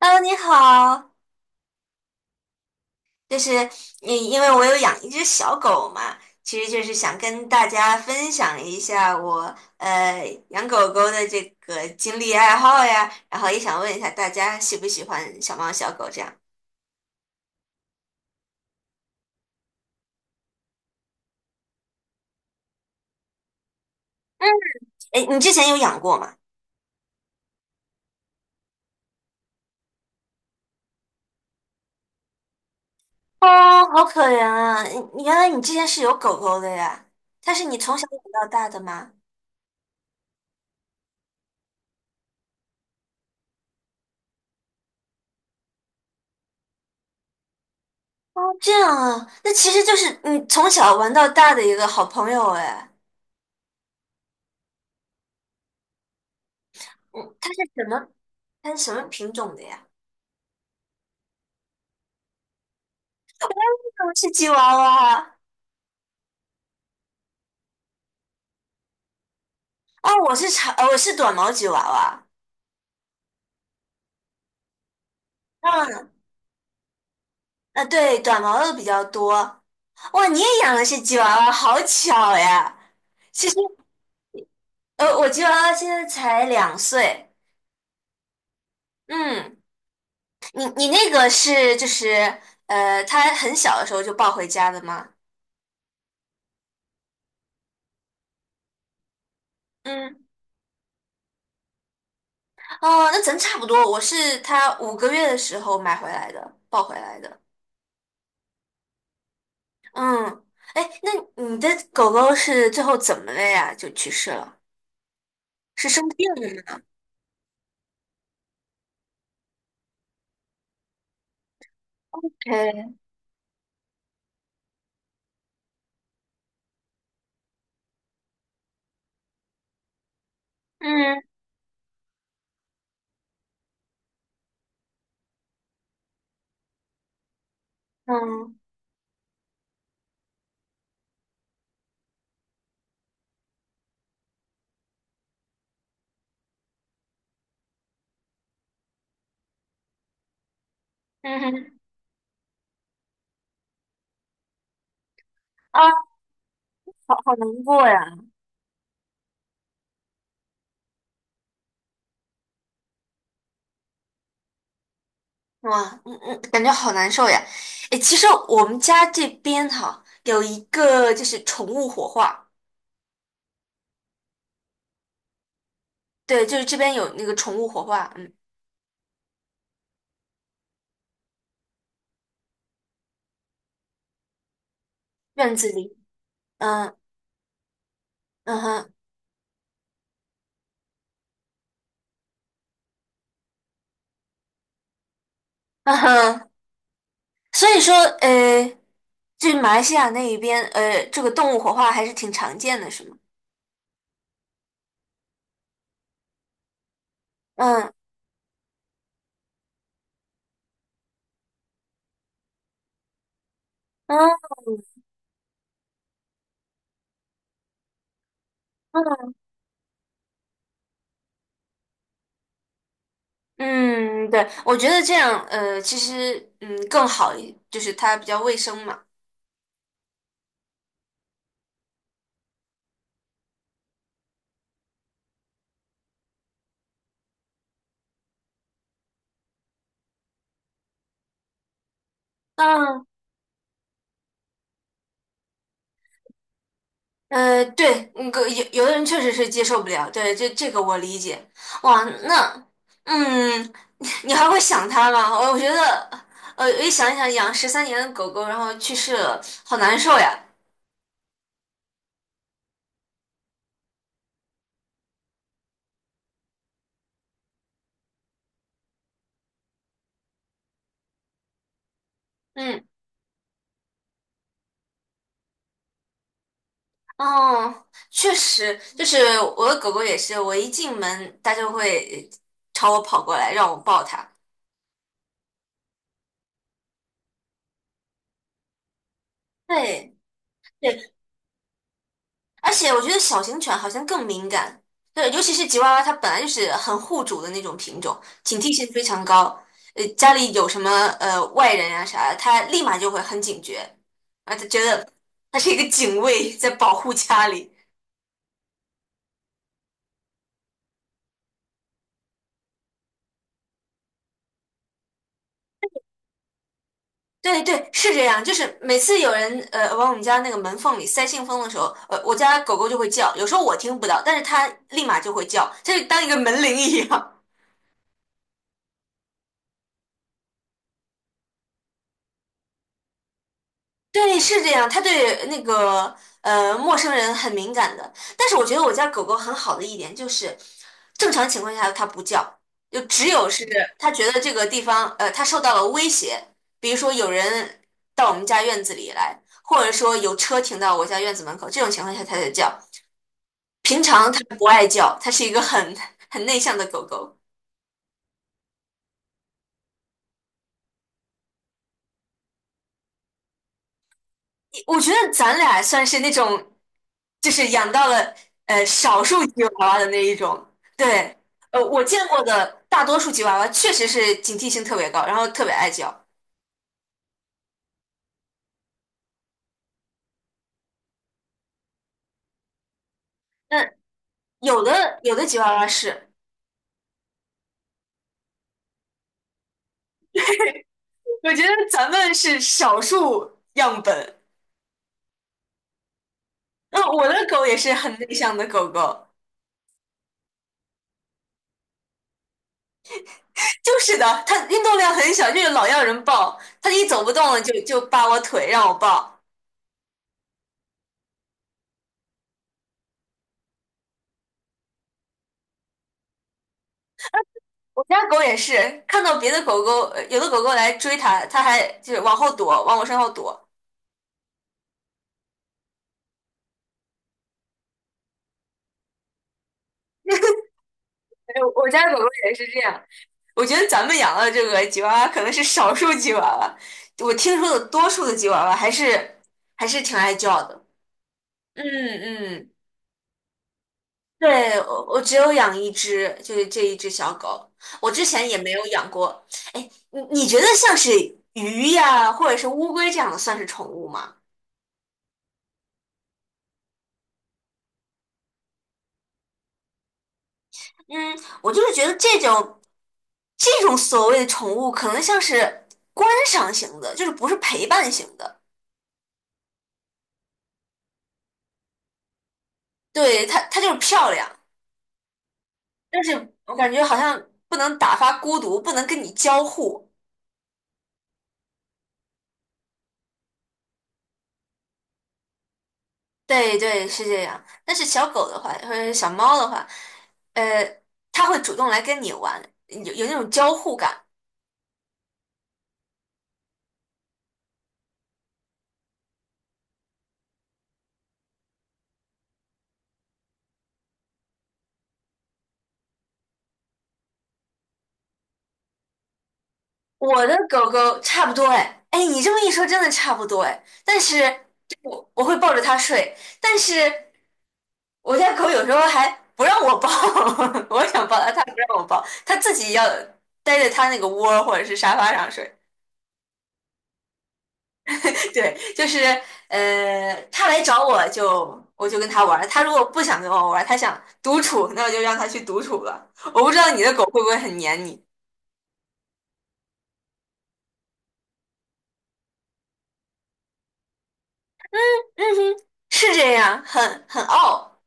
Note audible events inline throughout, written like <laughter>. H E 你好，就是你，因为我有养一只小狗嘛，其实就是想跟大家分享一下我养狗狗的这个经历爱好呀，然后也想问一下大家喜不喜欢小猫小狗这样。哎，你之前有养过吗？哦，好可怜啊！你原来你之前是有狗狗的呀？它是你从小养到大的吗？哦，这样啊，那其实就是你从小玩到大的一个好朋友哎。嗯，它是什么？它是什么品种的呀？我是吉娃娃啊。哦，我是短毛吉娃娃。嗯，啊，对，短毛的比较多。哇，你也养的是吉娃娃，好巧呀！其实，我吉娃娃现在才两岁。嗯，你你那个是就是，呃，它很小的时候就抱回家的吗？嗯，哦，那咱差不多。我是它5个月的时候买回来的，抱回来的。嗯，哎，那你的狗狗是最后怎么了呀？就去世了？是生病了吗？哎，嗯嗯，嗯哼，啊，好好难过呀。哇，嗯嗯，感觉好难受呀。哎，其实我们家这边哈有一个就是宠物火化，对，就是这边有那个宠物火化，嗯，院子里，嗯，嗯哼，嗯哼，所以说，呃，这马来西亚那一边，这个动物火化还是挺常见的，是吗？嗯，嗯，嗯，嗯，对，我觉得这样，其实，嗯，更好一，就是它比较卫生嘛。嗯，对，有的人确实是接受不了，对，这个我理解。哇，那，嗯，你还会想它吗？我觉得，一想一想，养13年的狗狗，然后去世了，好难受呀。嗯，哦，确实，就是我的狗狗也是，我一进门，它就会朝我跑过来，让我抱它。对。而且我觉得小型犬好像更敏感，对，尤其是吉娃娃，它本来就是很护主的那种品种，警惕性非常高。家里有什么外人啊啥的，它立马就会很警觉，啊，它觉得它是一个警卫在保护家里。对对，是这样，就是每次有人往我们家那个门缝里塞信封的时候，我家狗狗就会叫，有时候我听不到，但是它立马就会叫，就是当一个门铃一样。对，是这样，它对那个陌生人很敏感的。但是我觉得我家狗狗很好的一点就是，正常情况下它不叫，就只有是它觉得这个地方它受到了威胁，比如说有人到我们家院子里来，或者说有车停到我家院子门口，这种情况下它才叫。平常它不爱叫，它是一个很 <laughs> 很内向的狗狗。我觉得咱俩算是那种，就是养到了少数吉娃娃的那一种。对，我见过的大多数吉娃娃确实是警惕性特别高，然后特别爱叫。那有的吉娃娃是，我觉得咱们是少数样本。那我的狗也是很内向的狗狗，就是的，它运动量很小，就是老要人抱，它一走不动了就扒我腿让我抱。我家狗也是，看到别的狗狗，有的狗狗来追它，它还就是往后躲，往我身后躲。哎我家狗狗也是这样。我觉得咱们养的这个吉娃娃可能是少数吉娃娃，我听说的多数的吉娃娃还是挺爱叫的。嗯嗯，对，我只有养一只，就是这一只小狗，我之前也没有养过。哎，你觉得像是鱼呀，或者是乌龟这样的算是宠物吗？嗯，我就是觉得这种所谓的宠物，可能像是观赏型的，就是不是陪伴型的。对，它就是漂亮，但是我感觉好像不能打发孤独，不能跟你交互。对对，是这样。但是小狗的话，或者是小猫的话，呃，它会主动来跟你玩，有那种交互感。我的狗狗差不多哎，哎，你这么一说，真的差不多哎。但是我会抱着它睡，但是。我家狗有时候还不让我抱，<laughs> 我想抱它，它不让我抱，它自己要待在它那个窝儿或者是沙发上睡。<laughs> 对，就是它来找我我就跟它玩儿，它如果不想跟我玩儿，它想独处，那我就让它去独处了。我不知道你的狗会不会很黏你，嗯哼，是这样，很傲，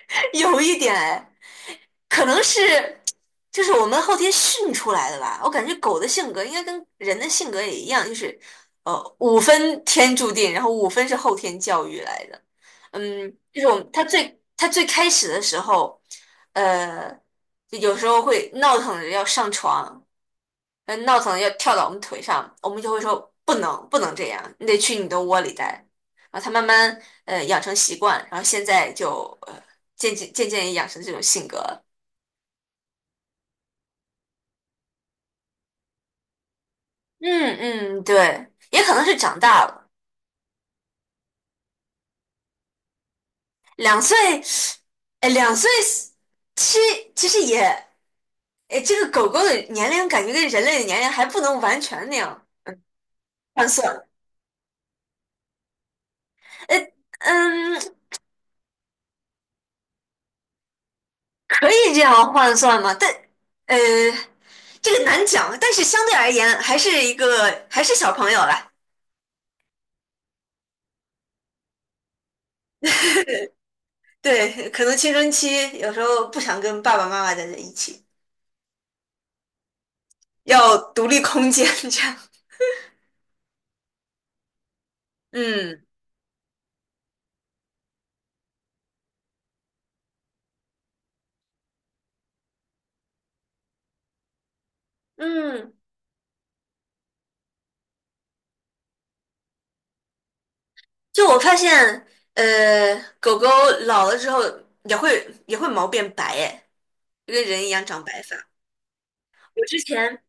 <laughs> 有一点哎。可能是就是我们后天训出来的吧。我感觉狗的性格应该跟人的性格也一样，就是五分天注定，然后五分是后天教育来的。嗯，就是我们它最开始的时候，呃，就有时候会闹腾着要上床，闹腾着要跳到我们腿上，我们就会说不能这样，你得去你的窝里待。然后它慢慢养成习惯，然后现在就渐渐也养成这种性格了。嗯嗯，对，也可能是长大了，两岁，哎，两岁其其实也，哎，这个狗狗的年龄感觉跟人类的年龄还不能完全那样换算，哎，嗯，可以这样换算吗？但，呃，这个难讲，但是相对而言还是小朋友啦。对，可能青春期有时候不想跟爸爸妈妈待在一起，要独立空间这样。嗯嗯。就我发现，呃，狗狗老了之后也会毛变白，哎，就跟人一样长白发。我之前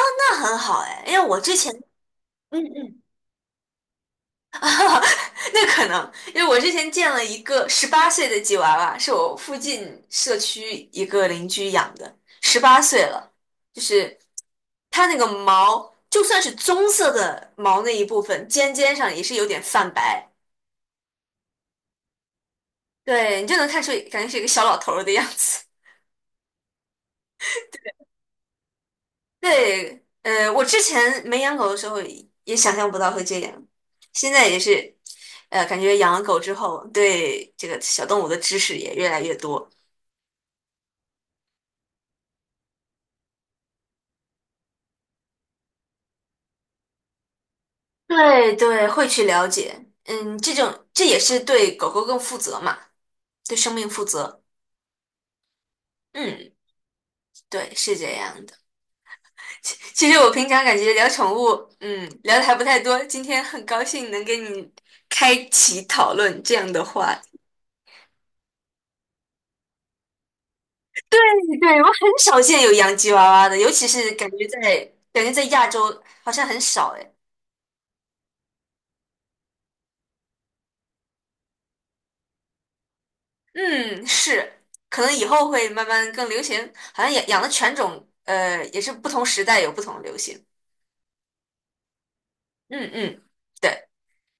那很好，哎，因为我之前，嗯嗯，那可能因为我之前见了一个十八岁的吉娃娃，是我附近社区一个邻居养的，十八岁了，就是它那个毛，就算是棕色的毛那一部分，尖尖上也是有点泛白，对你就能看出，感觉是一个小老头儿的样子。对，我之前没养狗的时候也想象不到会这样，现在也是，感觉养了狗之后，对这个小动物的知识也越来越多。对对，会去了解，嗯，这也是对狗狗更负责嘛，对生命负责。嗯，对，是这样的。其实我平常感觉聊宠物，嗯，聊的还不太多，今天很高兴能跟你开启讨论这样的话对，我很少见有洋吉娃娃的，尤其是感觉在亚洲好像很少哎。嗯，是，可能以后会慢慢更流行，好像养的犬种，也是不同时代有不同的流行。嗯嗯，对，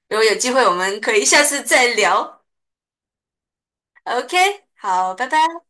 如果有机会我们可以下次再聊。OK，好，拜拜。